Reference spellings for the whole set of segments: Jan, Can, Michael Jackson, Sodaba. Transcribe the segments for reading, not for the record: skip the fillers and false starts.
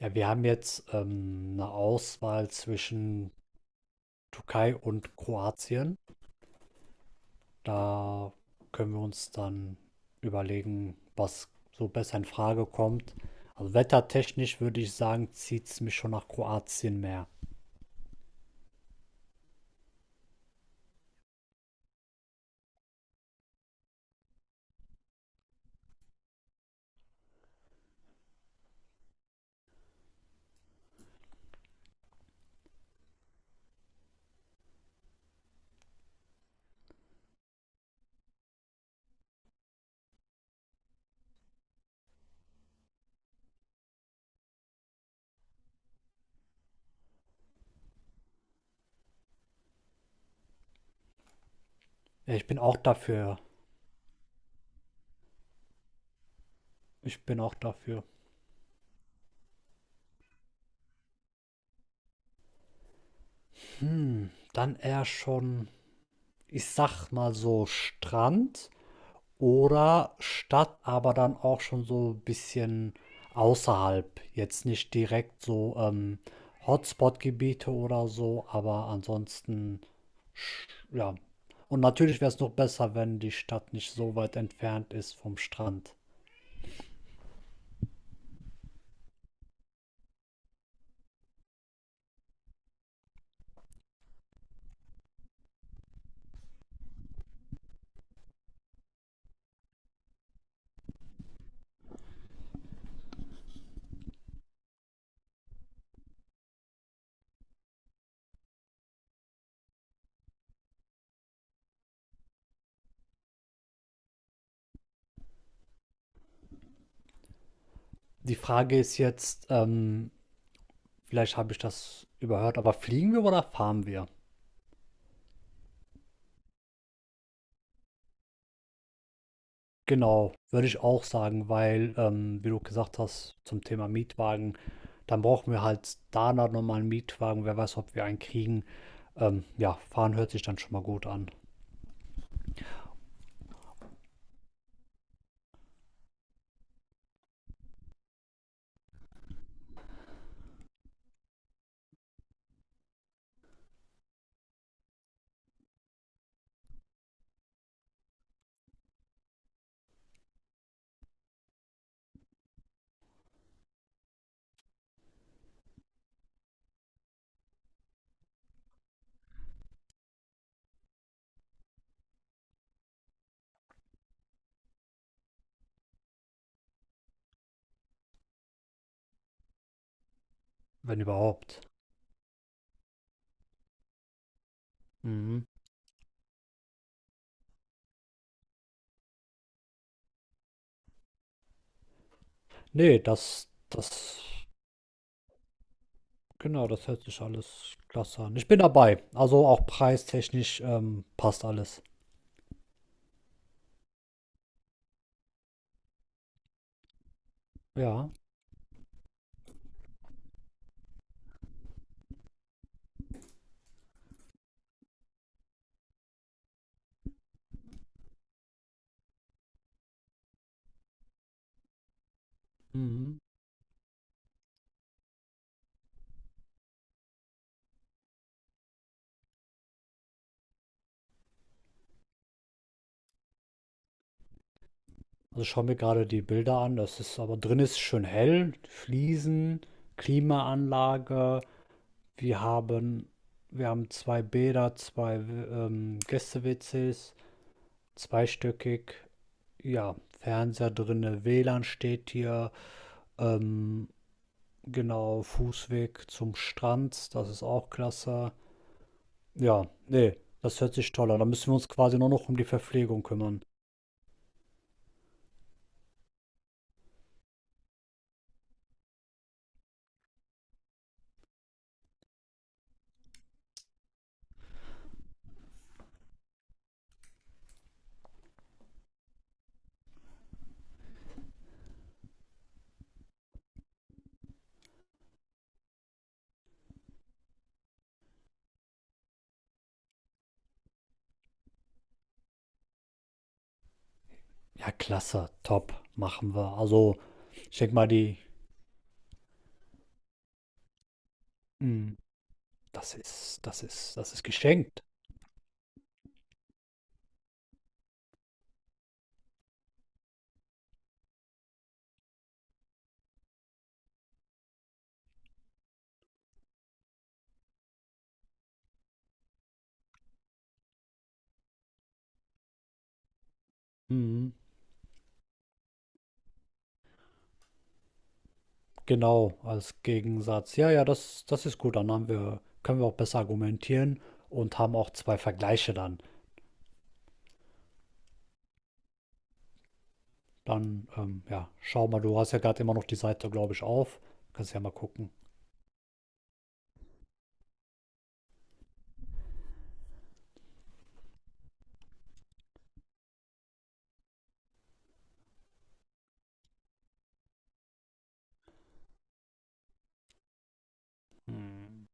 Ja, wir haben jetzt 'ne Auswahl zwischen Türkei und Kroatien. Da können wir uns dann überlegen, was so besser in Frage kommt. Also wettertechnisch würde ich sagen, zieht's mich schon nach Kroatien mehr. Ja, ich bin auch dafür. Ich bin auch dafür. Hm, dann eher schon, ich sag mal so Strand oder Stadt, aber dann auch schon so ein bisschen außerhalb. Jetzt nicht direkt so Hotspot-Gebiete oder so, aber ansonsten, ja. Und natürlich wäre es noch besser, wenn die Stadt nicht so weit entfernt ist vom Strand. Die Frage ist jetzt, vielleicht habe ich das überhört, aber fliegen wir oder fahren wir? Genau, würde ich auch sagen, weil, wie du gesagt hast, zum Thema Mietwagen, dann brauchen wir halt da nochmal einen Mietwagen. Wer weiß, ob wir einen kriegen. Ja, fahren hört sich dann schon mal gut an, wenn überhaupt. Mhm. Nee, das, genau, das hört sich alles klasse an. Ich bin dabei. Also auch preistechnisch passt alles. Ja. Mhm. Also ich schaue mir gerade die Bilder an. Das ist aber drin ist schön hell. Fliesen, Klimaanlage. Wir haben, wir haben zwei Bäder, zwei Gäste-WCs, zweistöckig, ja, Fernseher drinne, WLAN steht hier, ähm, genau, Fußweg zum Strand, das ist auch klasse. Ja, nee, das hört sich toll an. Da müssen wir uns quasi nur noch um die Verpflegung kümmern. Ja, klasse, top, machen wir. Also, ich denke mal, die, mm, das ist, das ist geschenkt. Mhm. Genau, als Gegensatz. Ja, ja, das ist gut. Dann haben wir, können wir auch besser argumentieren und haben auch zwei Vergleiche dann. Dann, ja, schau mal, du hast ja gerade immer noch die Seite, glaube ich, auf. Kannst ja mal gucken. Hm.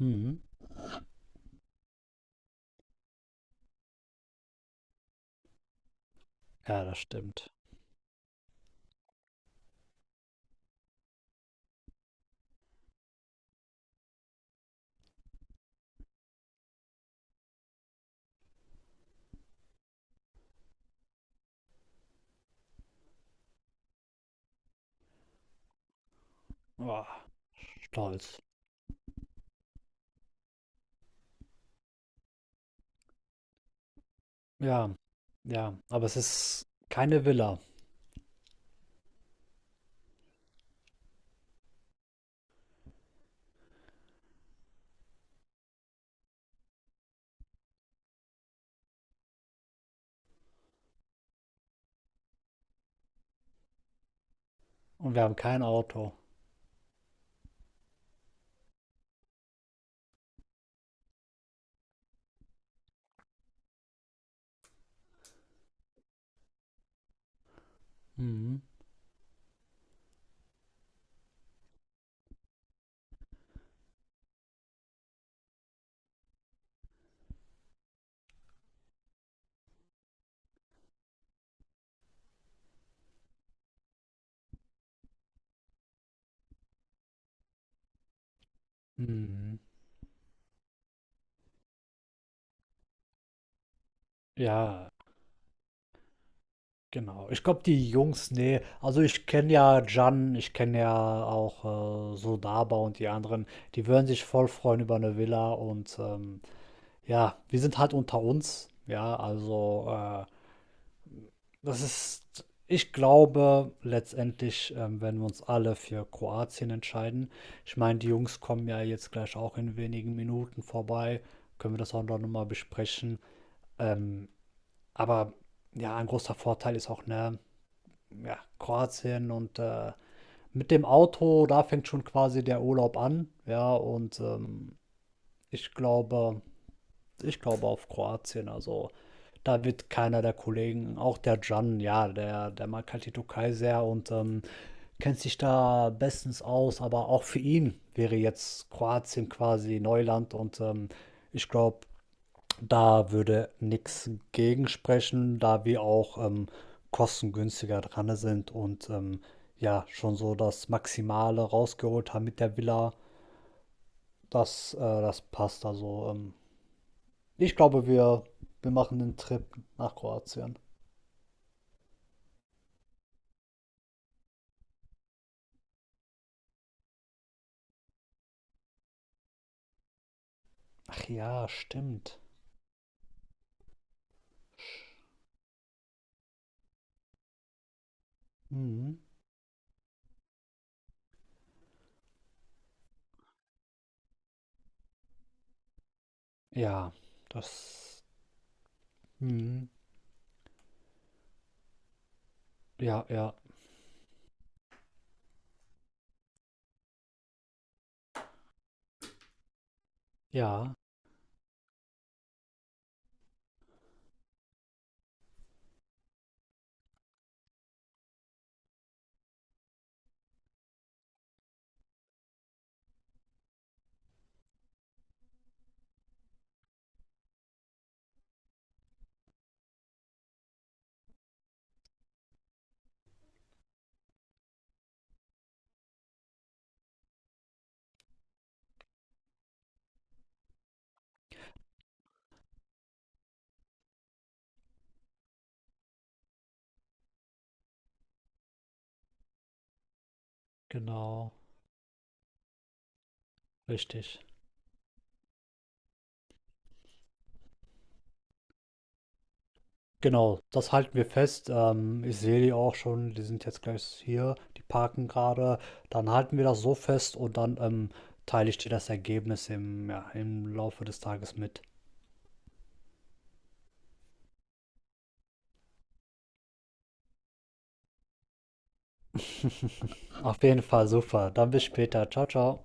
Mhm. Ja, das stimmt. Boah, stolz. Ja, ja, aber es ist keine Villa und wir haben kein Auto. Mhm. Mhm. Ja, genau. Ich glaube, die Jungs, ne. Also, ich kenne ja Jan, ich kenne ja auch, Sodaba und die anderen. Die würden sich voll freuen über eine Villa und, ja, wir sind halt unter uns, ja, also, das ist ich glaube letztendlich, werden wir uns alle für Kroatien entscheiden. Ich meine, die Jungs kommen ja jetzt gleich auch in wenigen Minuten vorbei, können wir das auch noch mal besprechen. Ähm, aber ja, ein großer Vorteil ist auch, ne, ja, Kroatien und mit dem Auto, da fängt schon quasi der Urlaub an. Ja, und ich glaube, ich glaube auf Kroatien. Also da wird keiner der Kollegen, auch der Can, ja, der mag halt die Türkei sehr und kennt sich da bestens aus. Aber auch für ihn wäre jetzt Kroatien quasi Neuland und ich glaube, da würde nichts gegen sprechen, da wir auch kostengünstiger dran sind und ja, schon so das Maximale rausgeholt haben mit der Villa. Das, das passt. Also, ich glaube, wir, wir machen den Trip nach Kroatien. Ach ja, stimmt. Mhm. Ja, das. Mhm. Ja, ja, ja, genau. Richtig. Genau, das halten wir fest. Ich sehe die auch schon, die sind jetzt gleich hier, die parken gerade. Dann halten wir das so fest und dann teile ich dir das Ergebnis im, ja, im Laufe des Tages mit. Auf jeden Fall super. Dann bis später. Ciao, ciao.